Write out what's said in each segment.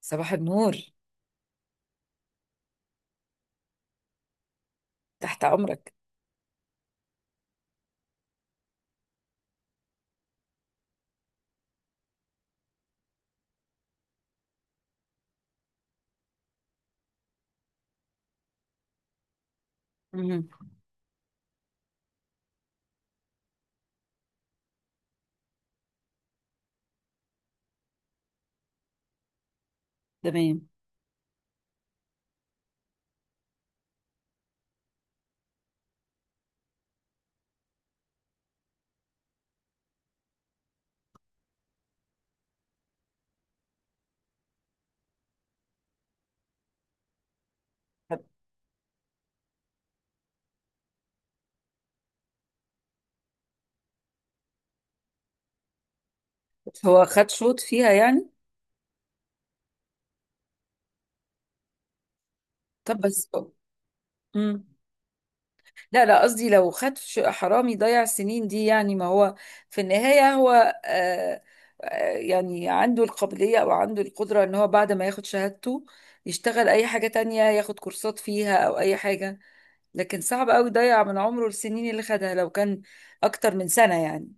صباح النور. تحت امرك. امم. تمام. بس. هو خد شوط فيها يعني. طب بس. امم. لا لا، قصدي لو خد حرامي ضيع السنين دي يعني، ما هو في النهاية هو آه آه يعني عنده القابلية او عنده القدرة ان هو بعد ما ياخد شهادته يشتغل اي حاجة تانية، ياخد كورسات فيها او اي حاجة، لكن صعب قوي يضيع من عمره السنين اللي خدها لو كان اكتر من سنة يعني.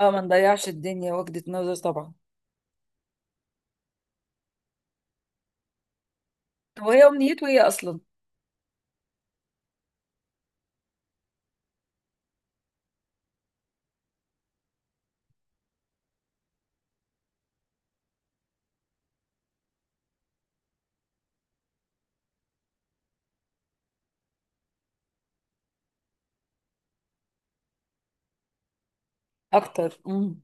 اه، ما نضيعش الدنيا، وجهة نظر طبعا. هو هي امنيته ايه اصلا؟ اكتر. امم.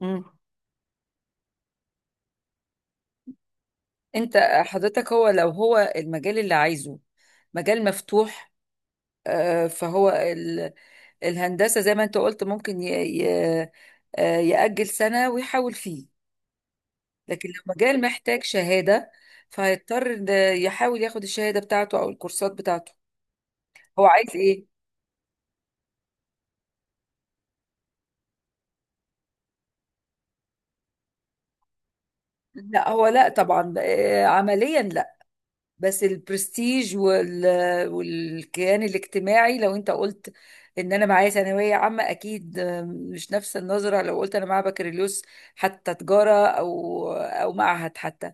امم. انت حضرتك هو لو هو المجال اللي عايزه مجال مفتوح، فهو الهندسة زي ما انت قلت ممكن ي- يأجل سنة ويحاول فيه. لكن لو مجال محتاج شهادة، فهيضطر إن يحاول ياخد الشهادة بتاعته او الكورسات بتاعته. هو عايز ايه؟ لا، هو لا طبعا، عمليا لا. بس البرستيج والكيان الاجتماعي، لو انت قلت ان انا معايا ثانويه عامه، اكيد مش نفس النظره لو قلت انا معايا بكالوريوس، حتى تجاره او او معهد حتى،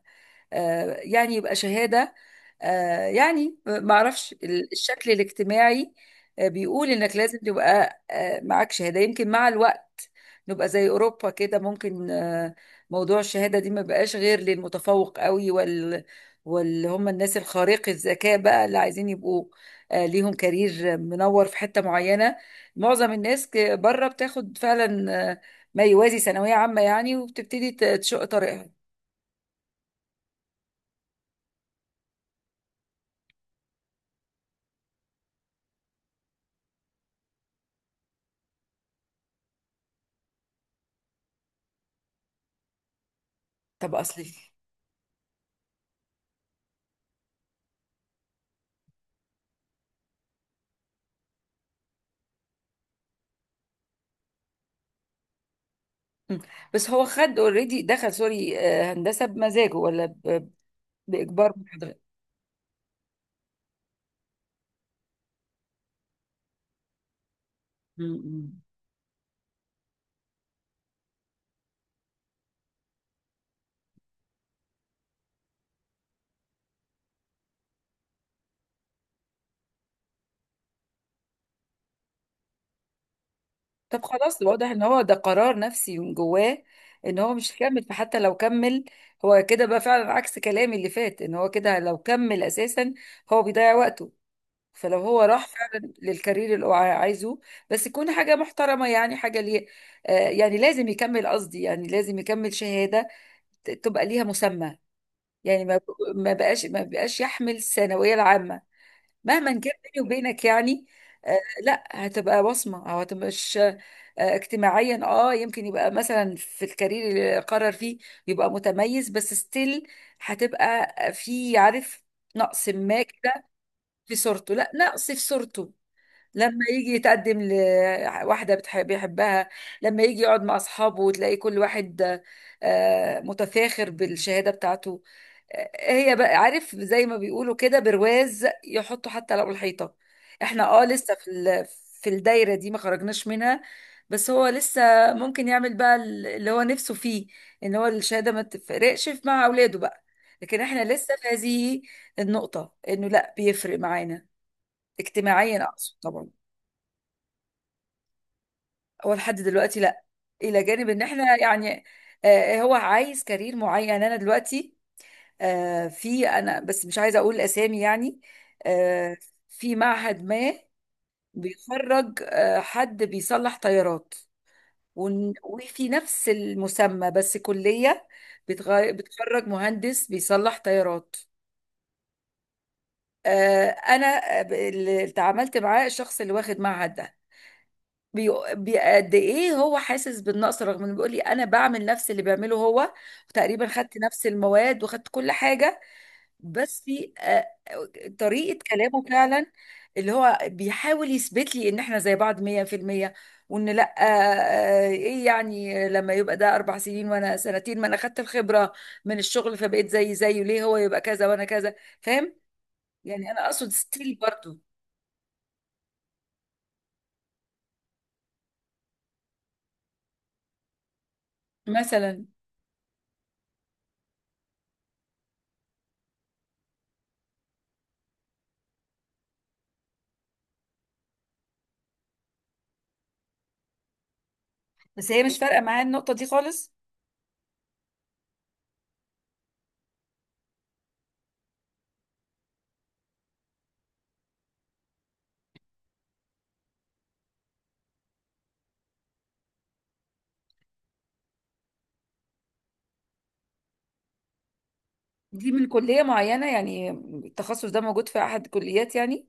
يعني يبقى شهادة، يعني معرفش. الشكل الاجتماعي بيقول انك لازم تبقى معاك شهادة. يمكن مع الوقت نبقى زي اوروبا كده، ممكن موضوع الشهادة دي ما بقاش غير للمتفوق قوي وال واللي هم الناس الخارق الذكاء بقى، اللي عايزين يبقوا ليهم كارير منور في حتة معينة. معظم الناس بره بتاخد فعلا ما يوازي ثانوية عامة يعني، وبتبتدي تشق طريقها. طب اصلي، مم. بس هو خد اوريدي دخل سوري هندسة بمزاجه ولا بإجبار محاضرة؟ مم. طب خلاص، واضح ان هو ده قرار نفسي من جواه ان هو مش هيكمل، فحتى لو كمل هو كده بقى، فعلا عكس كلامي اللي فات، ان هو كده لو كمل اساسا هو بيضيع وقته. فلو هو راح فعلا للكارير اللي هو عايزه، بس يكون حاجة محترمة يعني، حاجة ليه يعني لازم يكمل، قصدي يعني لازم يكمل شهادة تبقى ليها مسمى، يعني ما ما بقاش يحمل الثانويه العامه مهما كان، بيني وبينك يعني. آه لا، هتبقى بصمه او هتبقى مش آه، اجتماعيا اه، يمكن يبقى مثلا في الكارير اللي قرر فيه يبقى متميز، بس ستيل هتبقى في عارف نقص ما كده، في صورته، لا نقص في صورته. لما يجي يتقدم لواحده بتحب بيحبها، لما يجي يقعد مع اصحابه وتلاقي كل واحد متفاخر بالشهاده بتاعته، هي بقى عارف زي ما بيقولوا كده، برواز يحطوا حتى لو الحيطة. احنا اه لسه في في الدايرة دي ما خرجناش منها. بس هو لسه ممكن يعمل بقى اللي هو نفسه فيه، ان هو الشهادة ما تفرقش مع اولاده بقى، لكن احنا لسه في هذه النقطة انه لا بيفرق معانا اجتماعيا، اقصد طبعا. هو لحد دلوقتي لا. الى جانب ان احنا يعني هو عايز كارير معين. انا دلوقتي في انا بس مش عايزه اقول اسامي يعني، آه، في معهد ما بيخرج حد بيصلح طيارات، وفي نفس المسمى بس كليه بتخرج مهندس بيصلح طيارات. انا اللي اتعاملت معاه الشخص اللي واخد معهد ده قد ايه هو حاسس بالنقص، رغم انه بيقول لي انا بعمل نفس اللي بيعمله هو، وتقريبا خدت نفس المواد وخدت كل حاجه، بس في طريقة كلامه فعلا اللي هو بيحاول يثبت لي ان احنا زي بعض 100%، وان لا ايه يعني لما يبقى ده اربع سنين وانا سنتين، ما انا خدت الخبرة من الشغل فبقيت زي زيه، ليه هو يبقى كذا وانا كذا؟ فاهم يعني، انا اقصد ستيل برضو. مثلا. بس هي مش فارقة معايا النقطة دي خالص. دي من كلية معينة يعني؟ التخصص ده موجود في احد الكليات يعني؟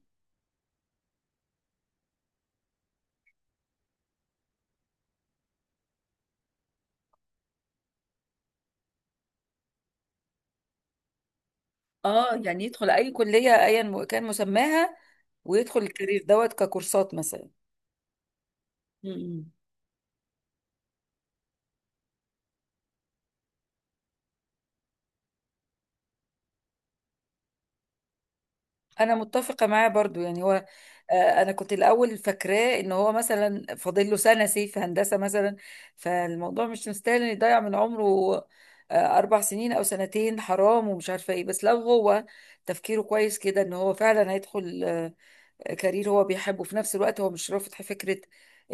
اه، يعني يدخل اي كليه ايا كان مسماها، ويدخل الكارير دوت ككورسات مثلا. مم. انا متفقه معاه برضو يعني هو انا كنت الاول فاكراه ان هو مثلا فاضل له سنه سي في هندسه مثلا، فالموضوع مش مستاهل ان يضيع من عمره اربع سنين او سنتين، حرام ومش عارفه ايه. بس لو هو تفكيره كويس كده، ان هو فعلا هيدخل كارير هو بيحبه، في نفس الوقت هو مش رافض فكرة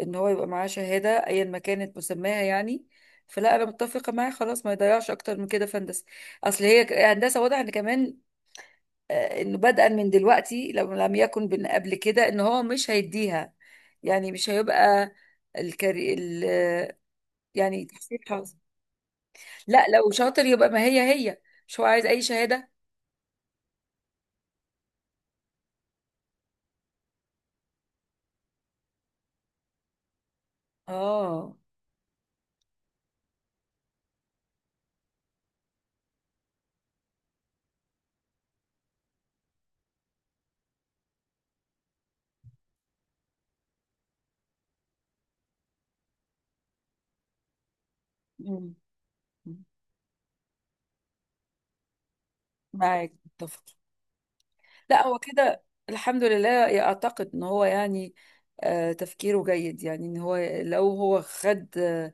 ان هو يبقى معاه شهادة ايا ما كانت مسماها يعني، فلا، انا متفقة معاه خلاص، ما يضيعش اكتر من كده في هندسة. اصل هي هندسة واضح ان كمان انه بدءا من دلوقتي، لو لم يكن من قبل كده، ان هو مش هيديها، يعني مش هيبقى الكاري ال آه، يعني تحصيل حظ. لا، لو شاطر يبقى، ما هي هي مش هو عايز اي شهادة. اه. مم. معاك متفق. لا هو كده الحمد لله، اعتقد ان هو يعني تفكيره جيد، يعني ان هو لو هو خد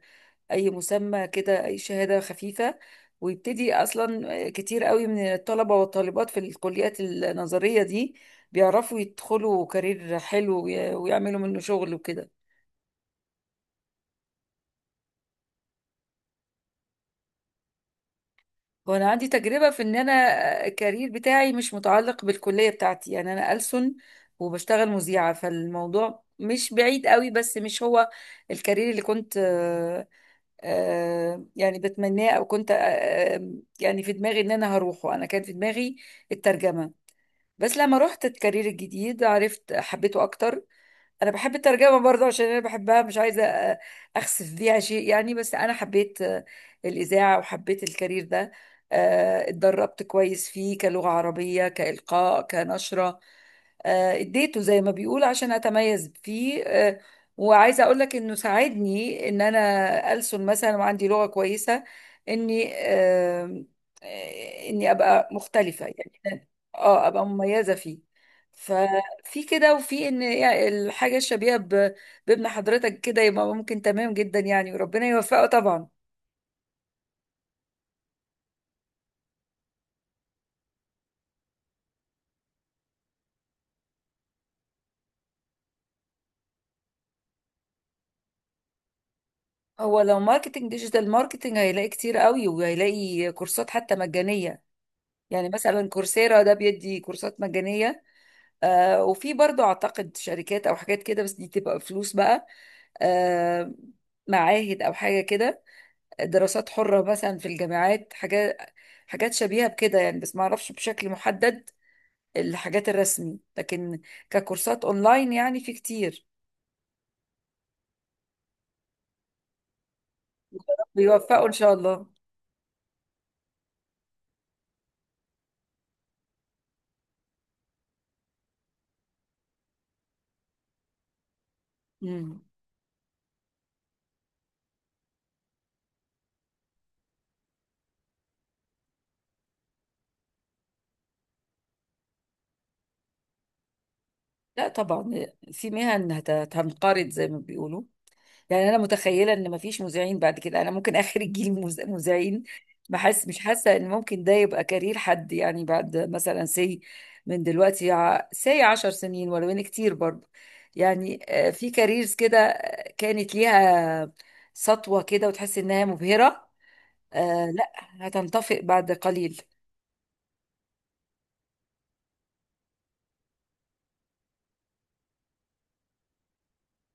اي مسمى كده، اي شهادة خفيفة، ويبتدي اصلا. كتير قوي من الطلبة والطالبات في الكليات النظرية دي بيعرفوا يدخلوا كارير حلو ويعملوا منه شغل وكده. وانا عندي تجربه في ان انا الكارير بتاعي مش متعلق بالكليه بتاعتي، يعني انا ألسن وبشتغل مذيعه، فالموضوع مش بعيد قوي، بس مش هو الكارير اللي كنت يعني بتمناه، او كنت آه، يعني في دماغي ان انا هروحه. انا كان في دماغي الترجمه، بس لما رحت الكارير الجديد عرفت حبيته اكتر. انا بحب الترجمه برضه، عشان انا بحبها مش عايزه اخسف بيها شيء يعني، بس انا حبيت الاذاعه وحبيت الكارير ده. اتدربت كويس فيه كلغه عربيه، كالقاء، كنشره، اديته زي ما بيقول عشان اتميز فيه. وعايزه اقول لك انه ساعدني ان انا ألسن مثلا وعندي لغه كويسه، اني اني ابقى مختلفه يعني. اه، ابقى مميزه فيه. في كده، وفي ان يعني الحاجه الشبيهه بابن حضرتك كده، يبقى ممكن تمام جدا يعني، وربنا يوفقه طبعا. هو لو ماركتنج، ديجيتال ماركتنج، هيلاقي كتير قوي وهيلاقي كورسات حتى مجانيه. يعني مثلا كورسيرا ده بيدي كورسات مجانيه. آه، وفي برضو اعتقد شركات او حاجات كده، بس دي تبقى فلوس بقى. آه، معاهد او حاجه كده، دراسات حره مثلا في الجامعات، حاجات حاجات شبيهه بكده يعني، بس ما اعرفش بشكل محدد الحاجات الرسمي، لكن ككورسات اونلاين يعني في كتير. بيوفقوا ان شاء الله. مم. لا طبعا، في مهن هتنقرض زي ما بيقولوا، يعني انا متخيله ان مفيش مذيعين بعد كده، انا ممكن اخر الجيل مذيعين. بحس، مش حاسه ان ممكن ده يبقى كارير حد، يعني بعد مثلا سي من دلوقتي، سي عشر سنين. ولو ان كتير برضه يعني في كاريرز كده كانت ليها سطوه كده وتحس انها مبهره، آه لا، هتنطفئ بعد قليل.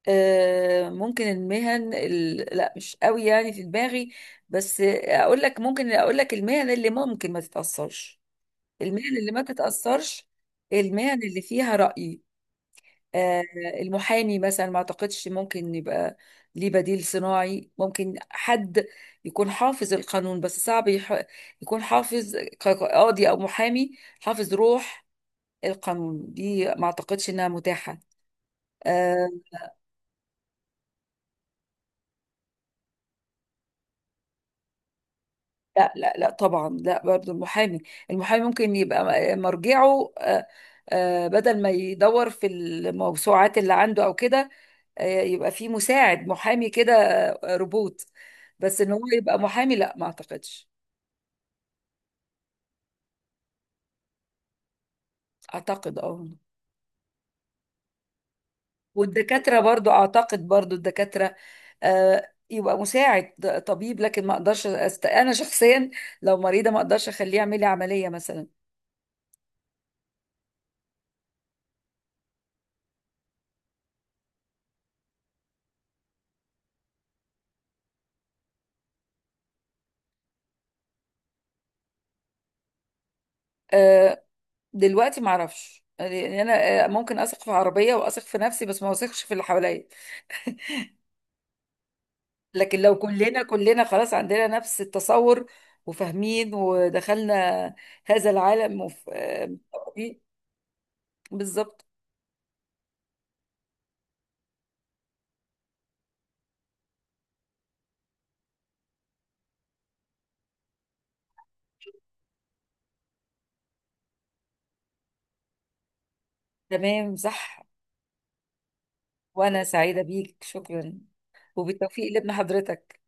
آه ممكن لا مش قوي يعني في دماغي، بس اقول لك، ممكن اقول لك المهن اللي ممكن ما تتأثرش. المهن اللي ما تتأثرش المهن اللي فيها رأي. آه، المحامي مثلا ما اعتقدش ممكن يبقى ليه بديل صناعي، ممكن حد يكون حافظ القانون، بس صعب يكون حافظ قاضي او محامي حافظ روح القانون، دي ما اعتقدش انها متاحة آه، لا لا لا طبعا، لا برضو المحامي، المحامي ممكن يبقى مرجعه بدل ما يدور في الموسوعات اللي عنده او كده يبقى في مساعد محامي كده، روبوت، بس ان هو يبقى محامي لا، ما اعتقدش. اعتقد اه. والدكاترة برضو، اعتقد برضو الدكاترة يبقى مساعد طبيب، لكن ما اقدرش انا شخصيا لو مريضة ما اقدرش اخليه يعمل لي عملية مثلا. آه، دلوقتي ما اعرفش يعني انا ممكن اثق في عربيه واثق في نفسي، بس ما اثقش في اللي حواليا. لكن لو كلنا كلنا خلاص عندنا نفس التصور وفاهمين ودخلنا هذا العالم وف... آه، بالظبط. تمام صح. وانا سعيده بيك، شكرا، وبالتوفيق لابن حضرتك.